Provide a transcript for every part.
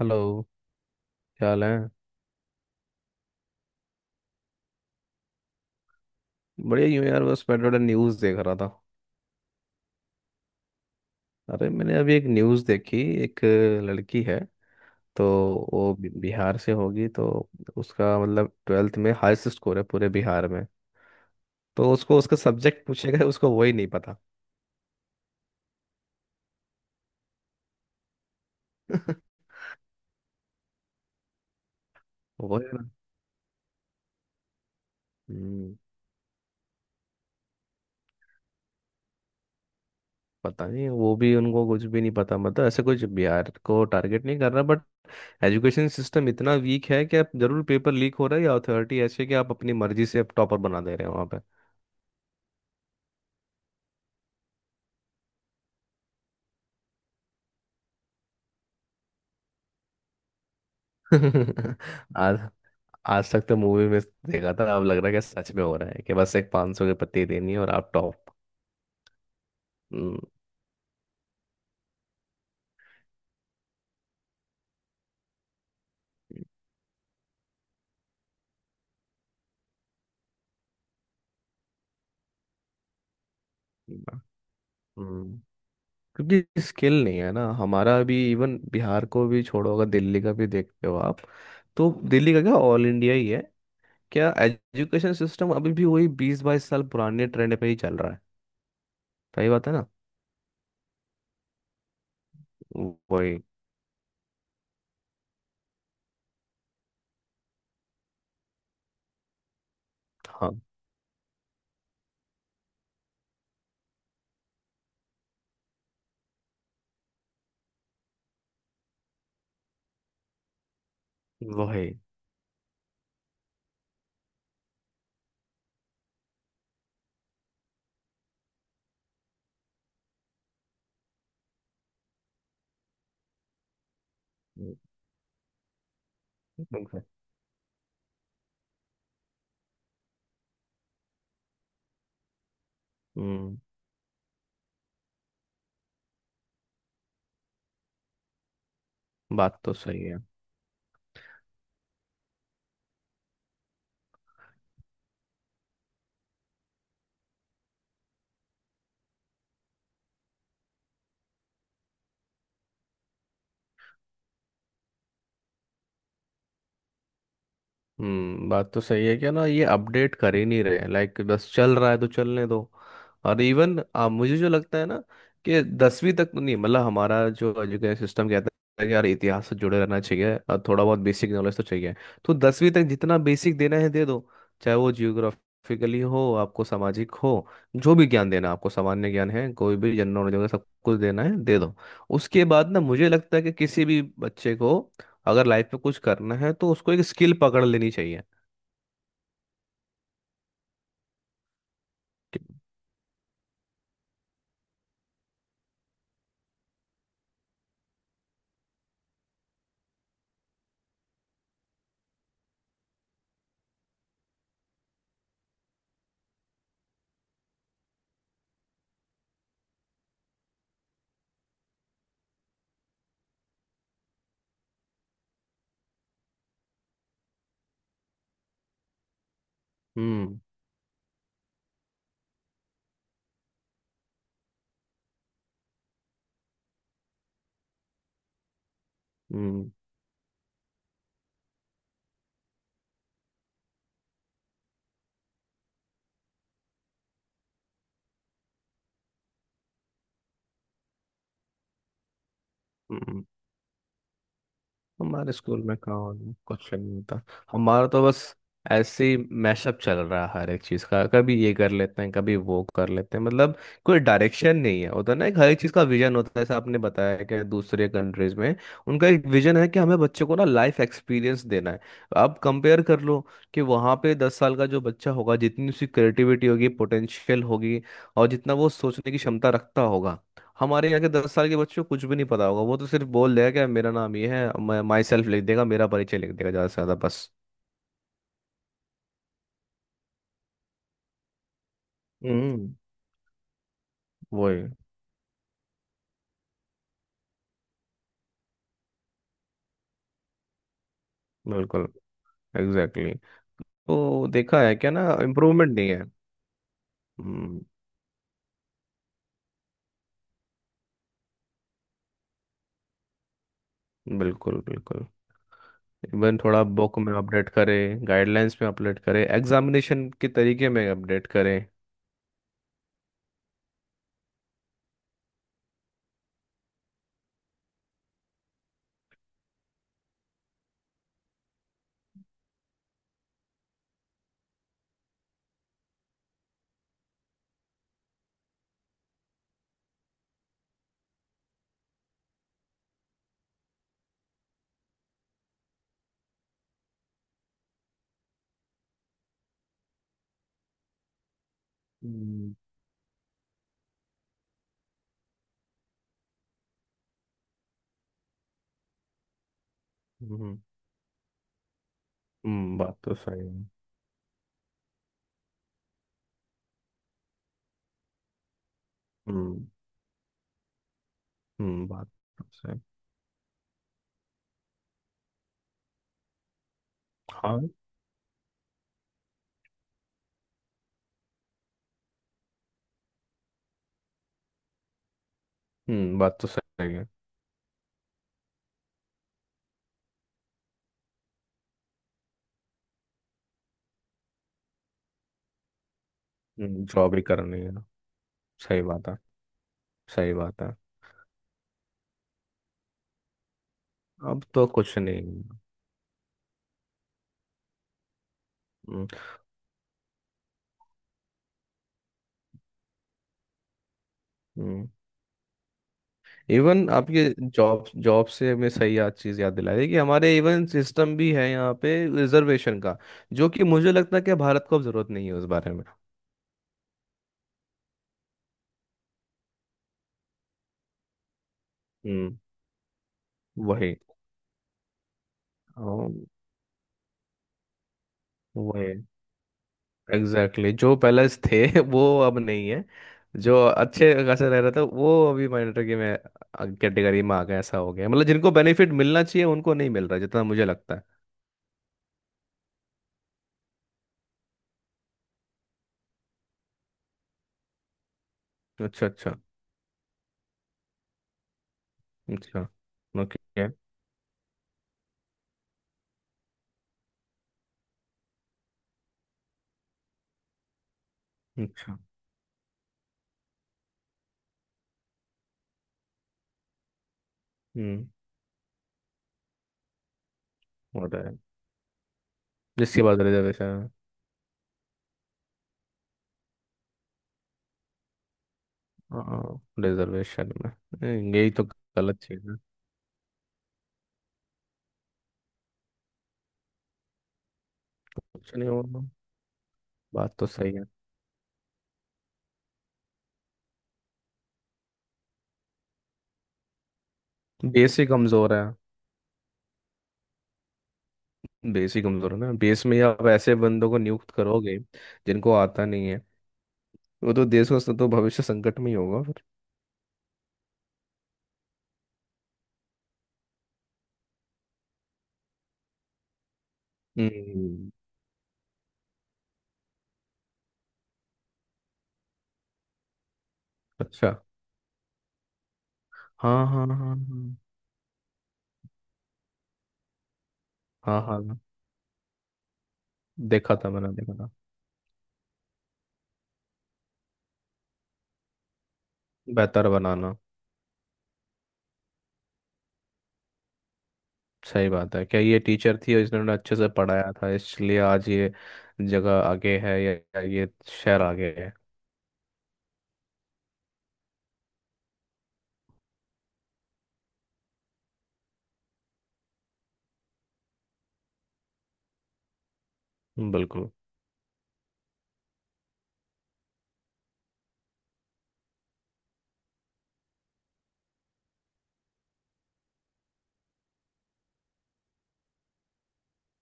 Hello. क्या हाल है। बढ़िया ही हूँ यार, बस बैठे बैठे न्यूज़ देख रहा था। अरे मैंने अभी एक न्यूज़ देखी, एक लड़की है, तो वो बिहार से होगी, तो उसका मतलब ट्वेल्थ में हाईएस्ट स्कोर है पूरे बिहार में। तो उसको उसका सब्जेक्ट पूछेगा, उसको वही नहीं पता। वो है ना। हम्म। पता नहीं, वो भी उनको कुछ भी नहीं पता, मतलब ऐसे कुछ बिहार को टारगेट नहीं कर रहा, बट एजुकेशन सिस्टम इतना वीक है कि आप जरूर पेपर लीक हो रहा है या अथॉरिटी ऐसे कि आप अपनी मर्जी से आप टॉपर बना दे रहे हो वहाँ। आज, आज तक तो मूवी में देखा था, अब लग रहा है कि सच में हो रहा है कि बस एक 500 की पत्ती देनी है और आप टॉप। हम्म, हम्म। क्योंकि स्किल नहीं है ना, हमारा भी इवन बिहार को भी छोड़ो, अगर दिल्ली का भी देखते हो आप, तो दिल्ली का क्या, ऑल इंडिया ही है, क्या एजुकेशन सिस्टम अभी भी वही बीस बाईस साल पुराने ट्रेंड पे ही चल रहा है। सही बात है ना। वही। हाँ। वही। हम्म, बात तो सही है। हम्म, बात तो सही है, क्या ना, ये अपडेट कर ही नहीं रहे, लाइक बस चल रहा है तो चलने दो। और इवन मुझे जो लगता है ना कि दसवीं तक तो नहीं, मतलब हमारा जो एजुकेशन सिस्टम कहता है कि यार इतिहास से जुड़े रहना चाहिए और थोड़ा बहुत बेसिक नॉलेज तो चाहिए, तो दसवीं तक जितना बेसिक देना है दे दो, चाहे वो जियोग्राफिकली हो, आपको सामाजिक हो, जो भी ज्ञान देना है, आपको सामान्य ज्ञान है, कोई भी जनरल नॉलेज वगैरह सब कुछ देना है दे दो। उसके बाद ना मुझे लगता है कि किसी भी बच्चे को अगर लाइफ में कुछ करना है तो उसको एक स्किल पकड़ लेनी चाहिए। कि- हम्म। हम्म। हम्म। हमारे स्कूल में कहाँ कुछ नहीं होता। हमारा तो बस ऐसे ही मैशअप चल रहा है हर एक चीज़ का, कभी ये कर लेते हैं कभी वो कर लेते हैं, मतलब कोई डायरेक्शन नहीं है होता ना, एक हर एक चीज़ का विजन होता है जैसे आपने बताया कि दूसरे कंट्रीज में उनका एक विजन है कि हमें बच्चों को ना लाइफ एक्सपीरियंस देना है। आप कंपेयर कर लो कि वहाँ पे दस साल का जो बच्चा होगा, जितनी उसकी क्रिएटिविटी होगी पोटेंशियल होगी और जितना वो सोचने की क्षमता रखता होगा, हमारे यहाँ के दस साल के बच्चों को कुछ भी नहीं पता होगा, वो तो सिर्फ बोल देगा कि मेरा नाम ये है, मैं माई सेल्फ लिख देगा, मेरा परिचय लिख देगा ज़्यादा से ज़्यादा बस। हम्म। वही। बिल्कुल। Exactly exactly। तो देखा है क्या ना, इम्प्रूवमेंट नहीं है। हम्म। बिल्कुल बिल्कुल। इवन थोड़ा बुक में अपडेट करें, गाइडलाइंस में अपडेट करें, एग्जामिनेशन के तरीके में अपडेट करें। हम्म, हम्म, हम्म, बात तो सही है। हम्म। हम्म, बात तो सही। हाँ। हम्म, बात तो सही है। जॉब ही करनी है। सही बात है। सही बात है। अब तो कुछ नहीं। हम्म, हम्म। इवन आपके जॉब जॉब से हमें सही याद चीज़ याद दिला रही है कि हमारे इवन सिस्टम भी है यहाँ पे रिजर्वेशन का, जो कि मुझे लगता है कि भारत को अब जरूरत नहीं है उस बारे में। हम्म। वही। अम, वही। Exactly exactly। जो पहले थे वो अब नहीं है। जो अच्छे खासे रह रहा था वो अभी माइनॉरिटी में कैटेगरी में आ गया, ऐसा हो गया, मतलब जिनको बेनिफिट मिलना चाहिए उनको नहीं मिल रहा जितना मुझे लगता है। अच्छा, अच्छा। अच्छा। ओके। अच्छा। हम्म। होता है। जिसके बाद रिजर्वेशन। रिजर्वेशन में, यही तो गलत चीज है। कुछ नहीं होगा। बात तो सही है। बेस ही कमजोर है। बेस ही कमजोर है ना, बेस में ही आप ऐसे बंदों को नियुक्त करोगे जिनको आता नहीं है, वो तो देश का तो भविष्य संकट में ही होगा फिर। हम्म। अच्छा। हाँ हाँ हाँ हाँ। हाँ हाँ हाँ, देखा था, मैंने देखा था। बेहतर बनाना। सही बात है, क्या ये टीचर थी और इसने उन्हें अच्छे से पढ़ाया था इसलिए आज ये जगह आगे है, या ये शहर आगे है। बिल्कुल।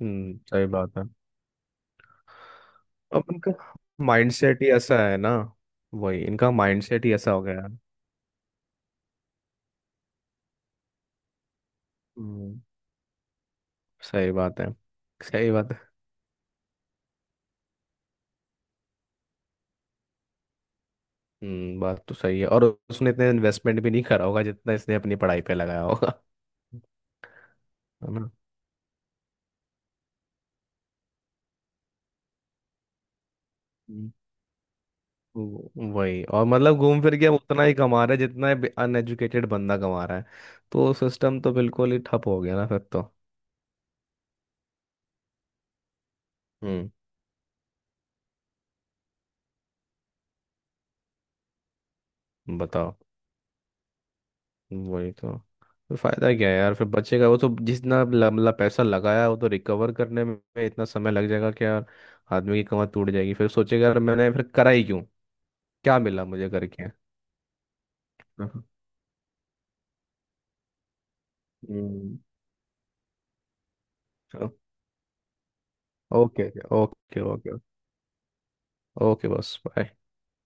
हम्म, सही बात है। अब इनका माइंडसेट ही ऐसा है ना। वही, इनका माइंडसेट ही ऐसा हो गया है। हम्म, सही बात है। सही बात है। हम्म, बात तो सही है और उसने इतने इन्वेस्टमेंट भी नहीं करा होगा जितना इसने अपनी पढ़ाई पे लगाया होगा। है ना। वही, और मतलब घूम फिर के हम उतना ही कमा रहे हैं जितना अनएजुकेटेड बंदा कमा रहा है, तो सिस्टम तो बिल्कुल ही ठप हो गया ना फिर तो। हम्म। बताओ। वही तो। फिर फायदा क्या है यार, फिर बच्चे का वो तो जितना मतलब पैसा लगाया, वो तो रिकवर करने में इतना समय लग जाएगा कि यार आदमी की कमर टूट जाएगी, फिर सोचेगा यार मैंने फिर करा ही क्यों, क्या मिला मुझे करके। हम्म। Okay. Okay. Okay okay. Okay, बस बाय।